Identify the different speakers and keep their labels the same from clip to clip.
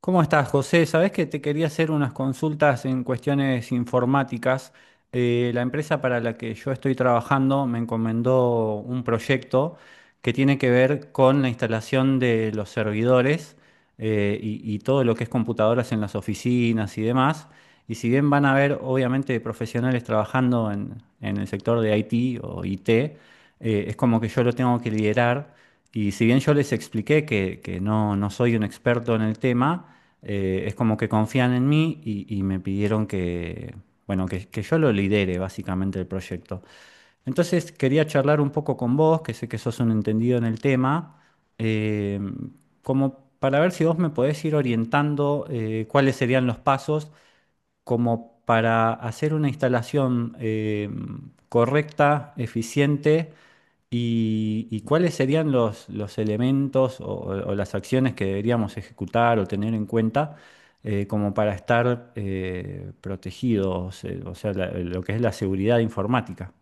Speaker 1: ¿Cómo estás, José? Sabés que te quería hacer unas consultas en cuestiones informáticas. La empresa para la que yo estoy trabajando me encomendó un proyecto que tiene que ver con la instalación de los servidores y todo lo que es computadoras en las oficinas y demás. Y si bien van a haber, obviamente, profesionales trabajando en el sector de IT o IT, es como que yo lo tengo que liderar. Y si bien yo les expliqué que no, no soy un experto en el tema, es como que confían en mí y me pidieron que, bueno, que yo lo lidere básicamente el proyecto. Entonces quería charlar un poco con vos, que sé que sos un entendido en el tema, eh, como para ver si vos me podés ir orientando cuáles serían los pasos como para hacer una instalación correcta, eficiente, y cuáles serían los elementos o las acciones que deberíamos ejecutar o tener en cuenta como para estar protegidos, o sea, lo que es la seguridad informática.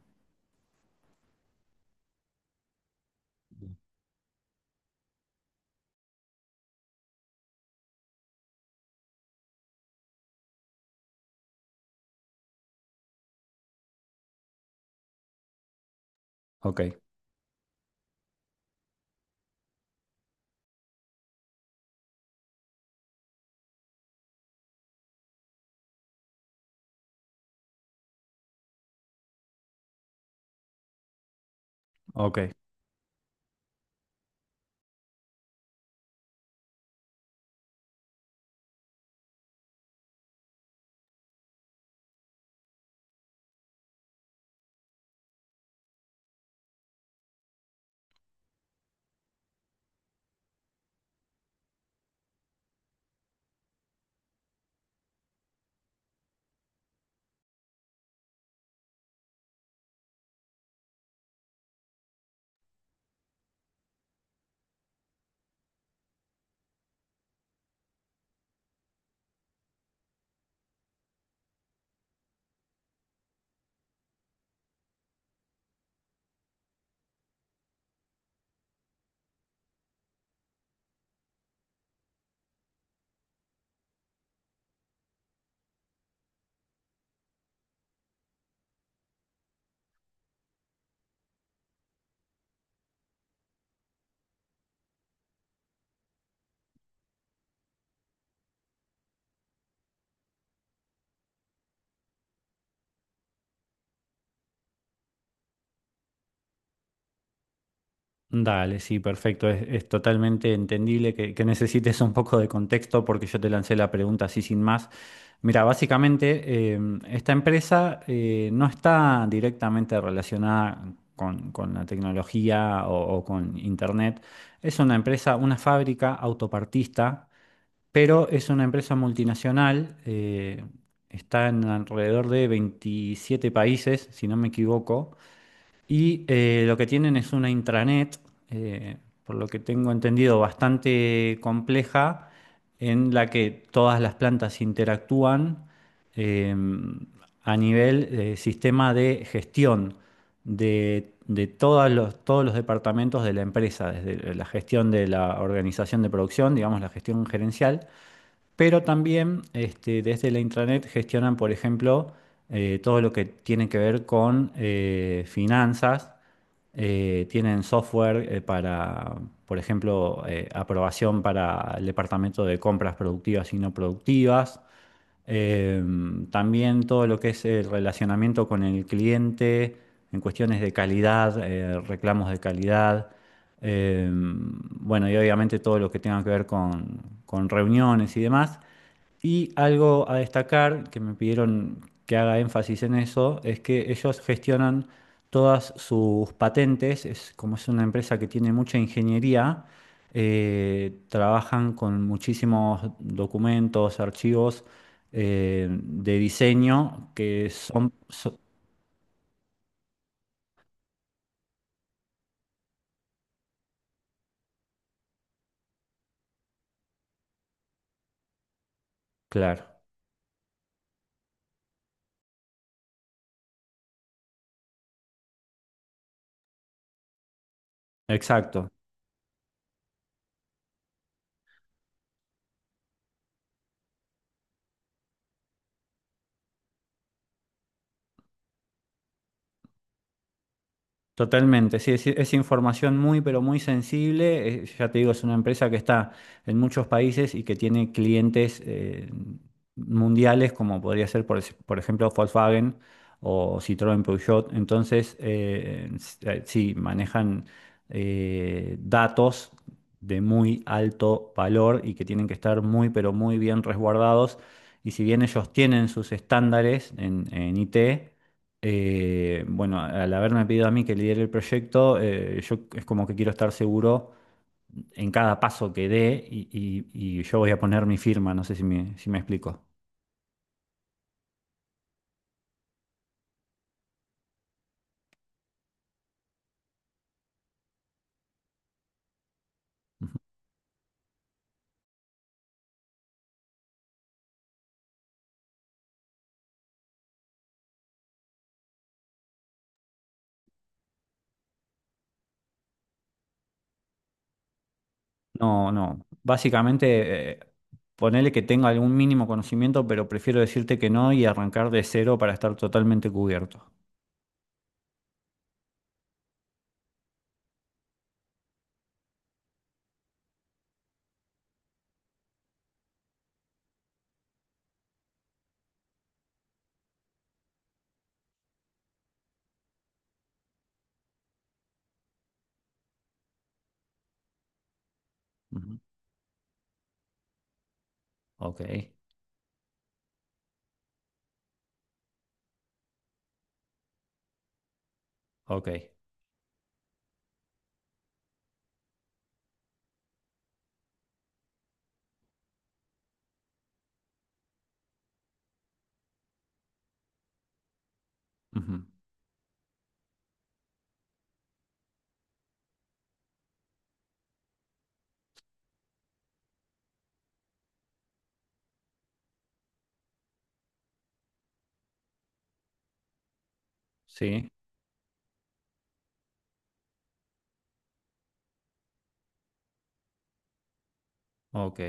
Speaker 1: Ok, ok. Dale, sí, perfecto. Es totalmente entendible que necesites un poco de contexto porque yo te lancé la pregunta así sin más. Mira, básicamente esta empresa no está directamente relacionada con la tecnología o con Internet. Es una empresa, una fábrica autopartista, pero es una empresa multinacional. Está en alrededor de 27 países, si no me equivoco. Y lo que tienen es una intranet, eh, por lo que tengo entendido, bastante compleja, en la que todas las plantas interactúan eh, a nivel sistema de gestión de todos los departamentos de la empresa, desde la gestión de la organización de producción, digamos la gestión gerencial, pero también desde la intranet gestionan, por ejemplo, todo lo que tiene que ver con finanzas. Tienen software para, por ejemplo, aprobación para el departamento de compras productivas y no productivas. También todo lo que es el relacionamiento con el cliente en cuestiones de calidad, reclamos de calidad. Bueno, y obviamente todo lo que tenga que ver con reuniones y demás. Y algo a destacar, que me pidieron que haga énfasis en eso, es que ellos gestionan todas sus patentes, es como es una empresa que tiene mucha ingeniería, trabajan con muchísimos documentos, archivos de diseño que son. Claro, exacto. Totalmente, sí, es información muy, pero muy sensible. Ya te digo, es una empresa que está en muchos países y que tiene clientes mundiales, como podría ser, por ejemplo, Volkswagen o Citroën Peugeot. Entonces, sí, manejan datos de muy alto valor y que tienen que estar muy, pero muy bien resguardados. Y si bien ellos tienen sus estándares en IT, bueno, al haberme pedido a mí que lidere el proyecto, yo es como que quiero estar seguro en cada paso que dé y yo voy a poner mi firma, no sé si me explico. No, no, básicamente ponele que tenga algún mínimo conocimiento, pero prefiero decirte que no y arrancar de cero para estar totalmente cubierto. Ujú. Ok, ok. Ujú. Sí, ok.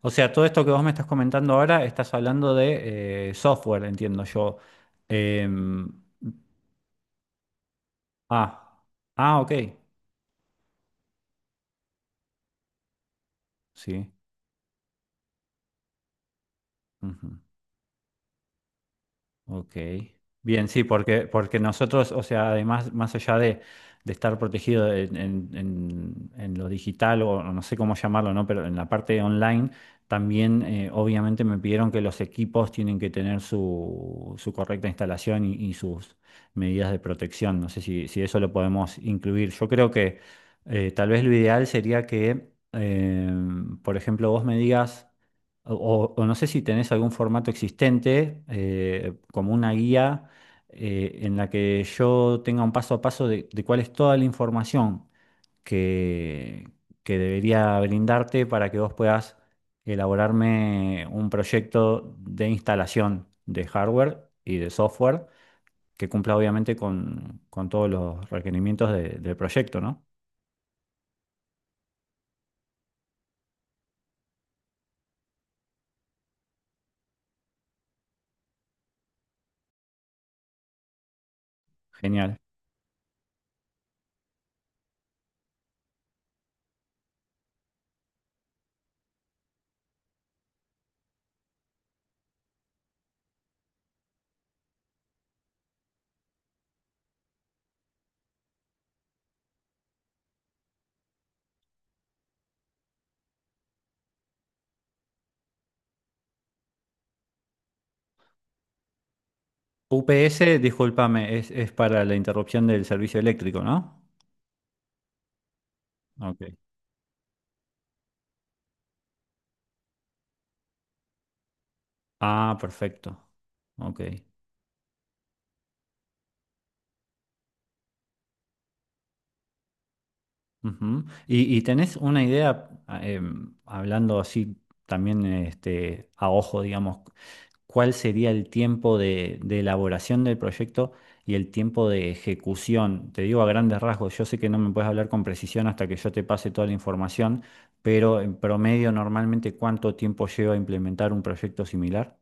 Speaker 1: O sea, todo esto que vos me estás comentando ahora, estás hablando de software, entiendo yo. Em, ah, ah, ok, sí. Ujú. Ok. Bien, sí, porque nosotros, o sea, además, más allá de estar protegido en lo digital o no sé cómo llamarlo, ¿no? Pero en la parte online, también obviamente me pidieron que los equipos tienen que tener su correcta instalación y sus medidas de protección. No sé si eso lo podemos incluir. Yo creo que tal vez lo ideal sería que, por ejemplo, vos me digas. O no sé si tenés algún formato existente, como una guía en la que yo tenga un paso a paso de cuál es toda la información que, que debería brindarte para que vos puedas elaborarme un proyecto de instalación de hardware y de software que cumpla obviamente con todos los requerimientos del proyecto, ¿no? Genial. UPS, discúlpame, es para la interrupción del servicio eléctrico, ¿no? Ok. Ah, perfecto. Ok. Ujú. ¿Y tenés una idea, hablando así también a ojo, digamos, cuál sería el tiempo de elaboración del proyecto y el tiempo de ejecución? Te digo a grandes rasgos, yo sé que no me puedes hablar con precisión hasta que yo te pase toda la información, pero en promedio, normalmente, ¿cuánto tiempo lleva a implementar un proyecto similar?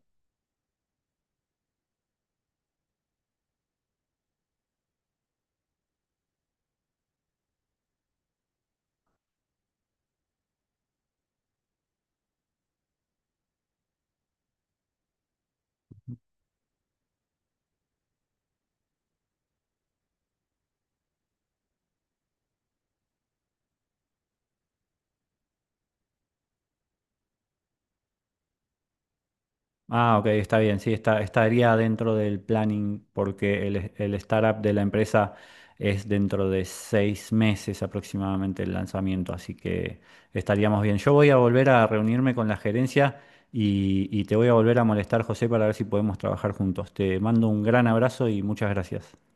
Speaker 1: Ah, ok, está bien, sí, estaría dentro del planning porque el startup de la empresa es dentro de 6 meses aproximadamente el lanzamiento, así que estaríamos bien. Yo voy a volver a reunirme con la gerencia y te voy a volver a molestar, José, para ver si podemos trabajar juntos. Te mando un gran abrazo y muchas gracias.